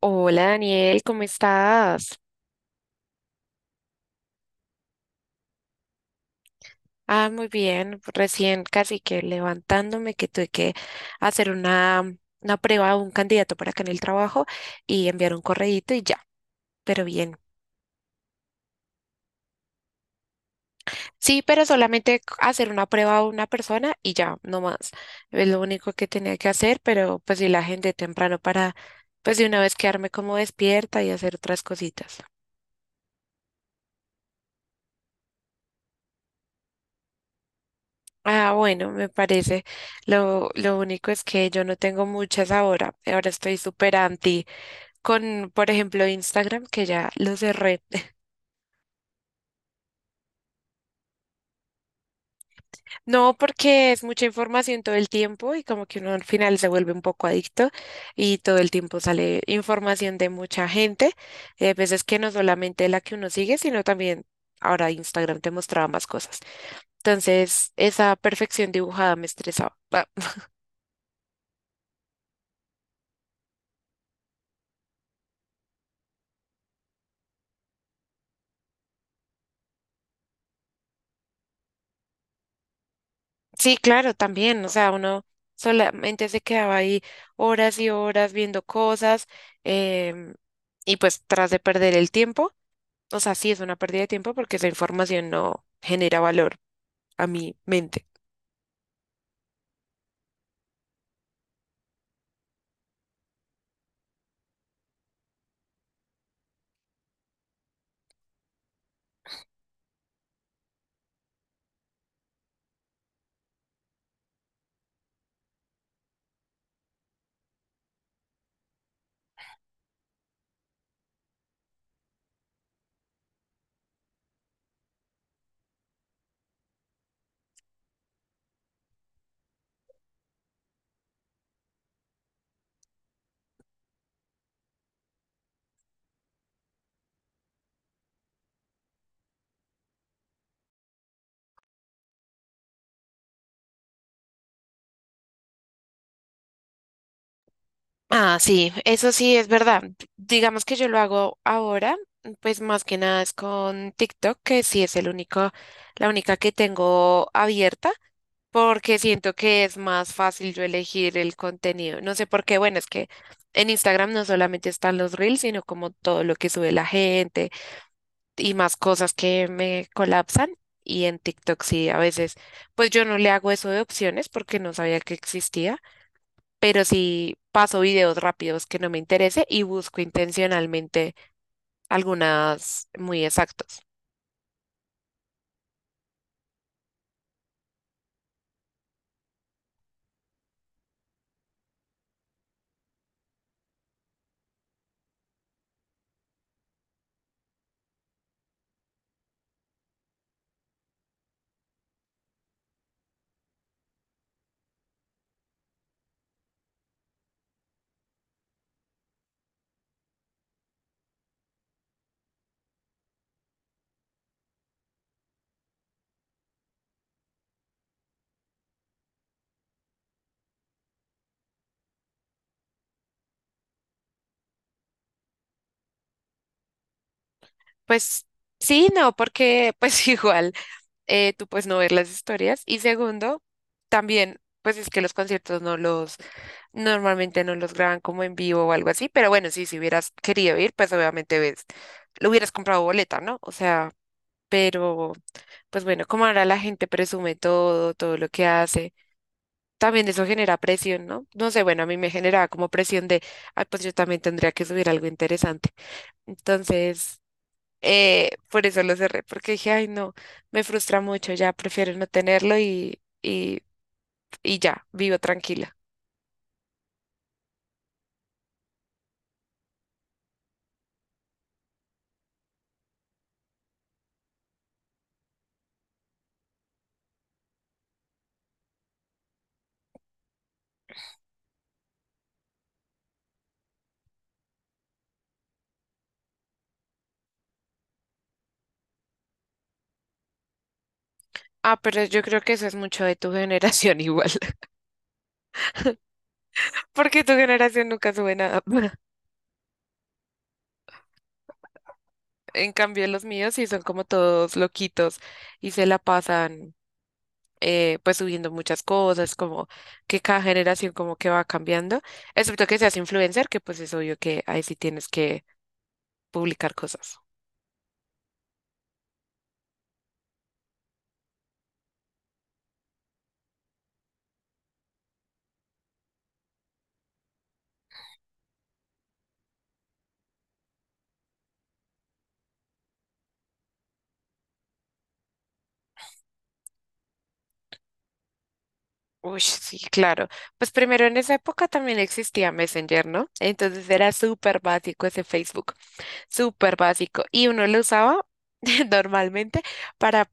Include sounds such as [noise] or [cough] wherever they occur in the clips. Hola, Daniel, ¿cómo estás? Ah, muy bien, recién casi que levantándome, que tuve que hacer una prueba a un candidato para acá en el trabajo y enviar un correíto y ya, pero bien. Sí, pero solamente hacer una prueba a una persona y ya, no más. Es lo único que tenía que hacer, pero pues sí la gente temprano para pues de una vez quedarme como despierta y hacer otras cositas. Ah, bueno, me parece. Lo único es que yo no tengo muchas ahora. Ahora estoy súper anti con, por ejemplo, Instagram, que ya lo cerré. [laughs] No, porque es mucha información todo el tiempo y como que uno al final se vuelve un poco adicto y todo el tiempo sale información de mucha gente. Y hay veces que no solamente la que uno sigue, sino también ahora Instagram te mostraba más cosas. Entonces, esa perfección dibujada me estresaba. Sí, claro, también, o sea, uno solamente se quedaba ahí horas y horas viendo cosas, em, y pues tras de perder el tiempo, o sea, sí es una pérdida de tiempo porque esa información no genera valor a mi mente. Ah, sí, eso sí es verdad. Digamos que yo lo hago ahora, pues más que nada es con TikTok, que sí es el único, la única que tengo abierta. Porque siento que es más fácil yo elegir el contenido. No sé por qué, bueno, es que en Instagram no solamente están los reels, sino como todo lo que sube la gente y más cosas que me colapsan. Y en TikTok sí, a veces, pues yo no le hago eso de opciones porque no sabía que existía, pero sí paso videos rápidos que no me interese y busco intencionalmente algunas muy exactos. Pues sí, no, porque pues [laughs] igual. Tú puedes no ver las historias. Y segundo, también, pues es que los conciertos normalmente no los graban como en vivo o algo así, pero bueno, sí, si hubieras querido ir, pues obviamente ves, lo hubieras comprado boleta, ¿no? O sea, pero pues bueno, como ahora la gente presume todo, todo lo que hace. También eso genera presión, ¿no? No sé, bueno, a mí me generaba como presión de, ay, pues yo también tendría que subir algo interesante. Entonces, por eso lo cerré, porque dije, ay, no, me frustra mucho, ya prefiero no tenerlo y ya, vivo tranquila. Ah, pero yo creo que eso es mucho de tu generación, [laughs] igual, porque tu generación nunca sube nada. [laughs] En cambio, los míos sí son como todos loquitos y se la pasan, pues subiendo muchas cosas, como que cada generación como que va cambiando, excepto que seas influencer, que pues es obvio que ahí sí tienes que publicar cosas. Uy, sí, claro. Pues primero en esa época también existía Messenger, ¿no? Entonces era súper básico ese Facebook, súper básico. Y uno lo usaba [laughs] normalmente para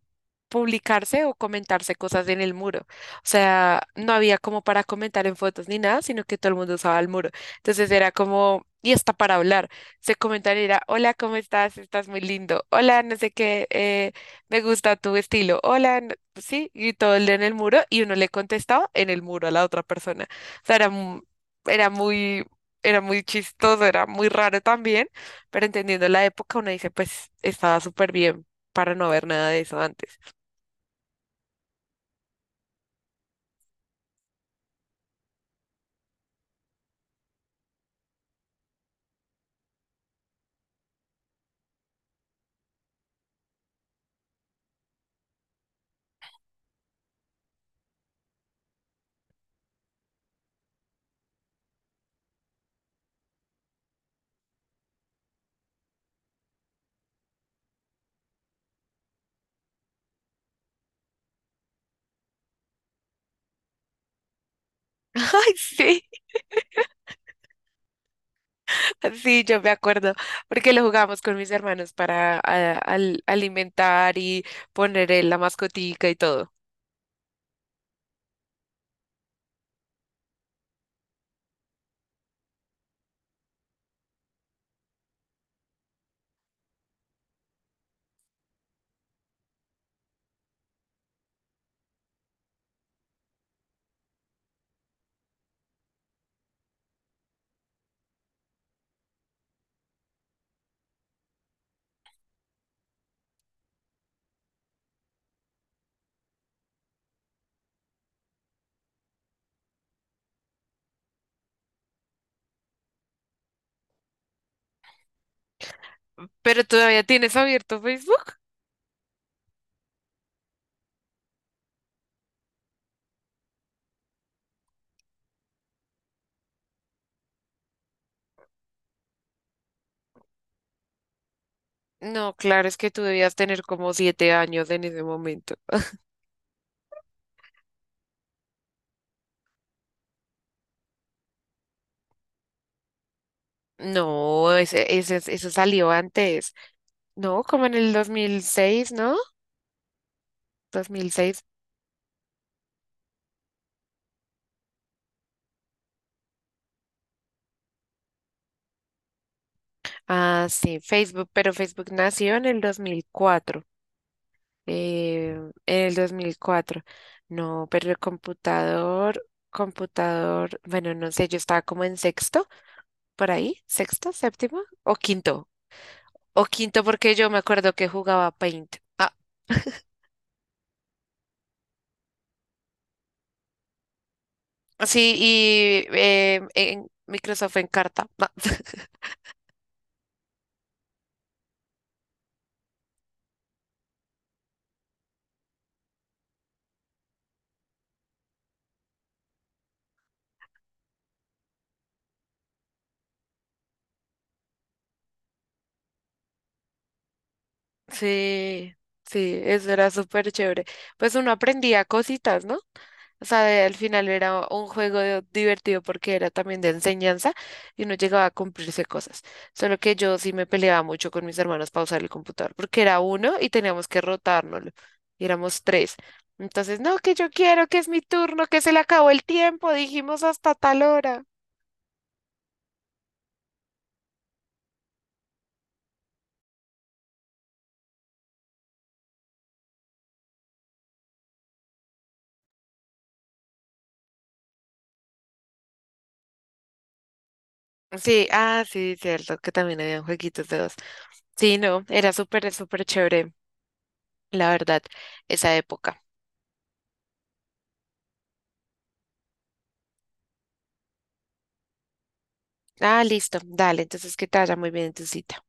publicarse o comentarse cosas en el muro. O sea, no había como para comentar en fotos ni nada, sino que todo el mundo usaba el muro. Entonces era como, y hasta para hablar. Se comentaban y era, hola, ¿cómo estás? Estás muy lindo. Hola, no sé qué, me gusta tu estilo. Hola, sí, y todo el en el muro y uno le contestaba en el muro a la otra persona. O sea, era muy, era muy chistoso, era muy raro también, pero entendiendo la época, uno dice, pues estaba súper bien para no ver nada de eso antes. [laughs] Ay, sí, sí, yo me acuerdo, porque lo jugamos con mis hermanos para alimentar y poner en la mascotica y todo. ¿Pero todavía tienes abierto Facebook? No, claro, es que tú debías tener como 7 años en ese momento. No, eso salió antes. No, como en el 2006, ¿no? 2006. Ah, sí, Facebook, pero Facebook nació en el 2004, en el 2004. No, pero el computador, computador, bueno, no sé, yo estaba como en sexto, por ahí, sexto, séptimo o quinto, o quinto, porque yo me acuerdo que jugaba Paint. Ah, [laughs] sí, y en Microsoft Encarta. No. [laughs] Sí, sí, eso era súper chévere. Pues uno aprendía cositas, ¿no? O sea, al final era un juego divertido porque era también de enseñanza y uno llegaba a cumplirse cosas. Solo que yo sí me peleaba mucho con mis hermanos para usar el computador porque era uno y teníamos que rotárnoslo. Y éramos tres. Entonces, no, que yo quiero, que es mi turno, que se le acabó el tiempo, dijimos hasta tal hora. Sí, ah, sí, cierto, que también habían jueguitos de dos. Sí, no, era súper, súper chévere, la verdad, esa época. Ah, listo, dale, entonces que te vaya muy bien en tu cita.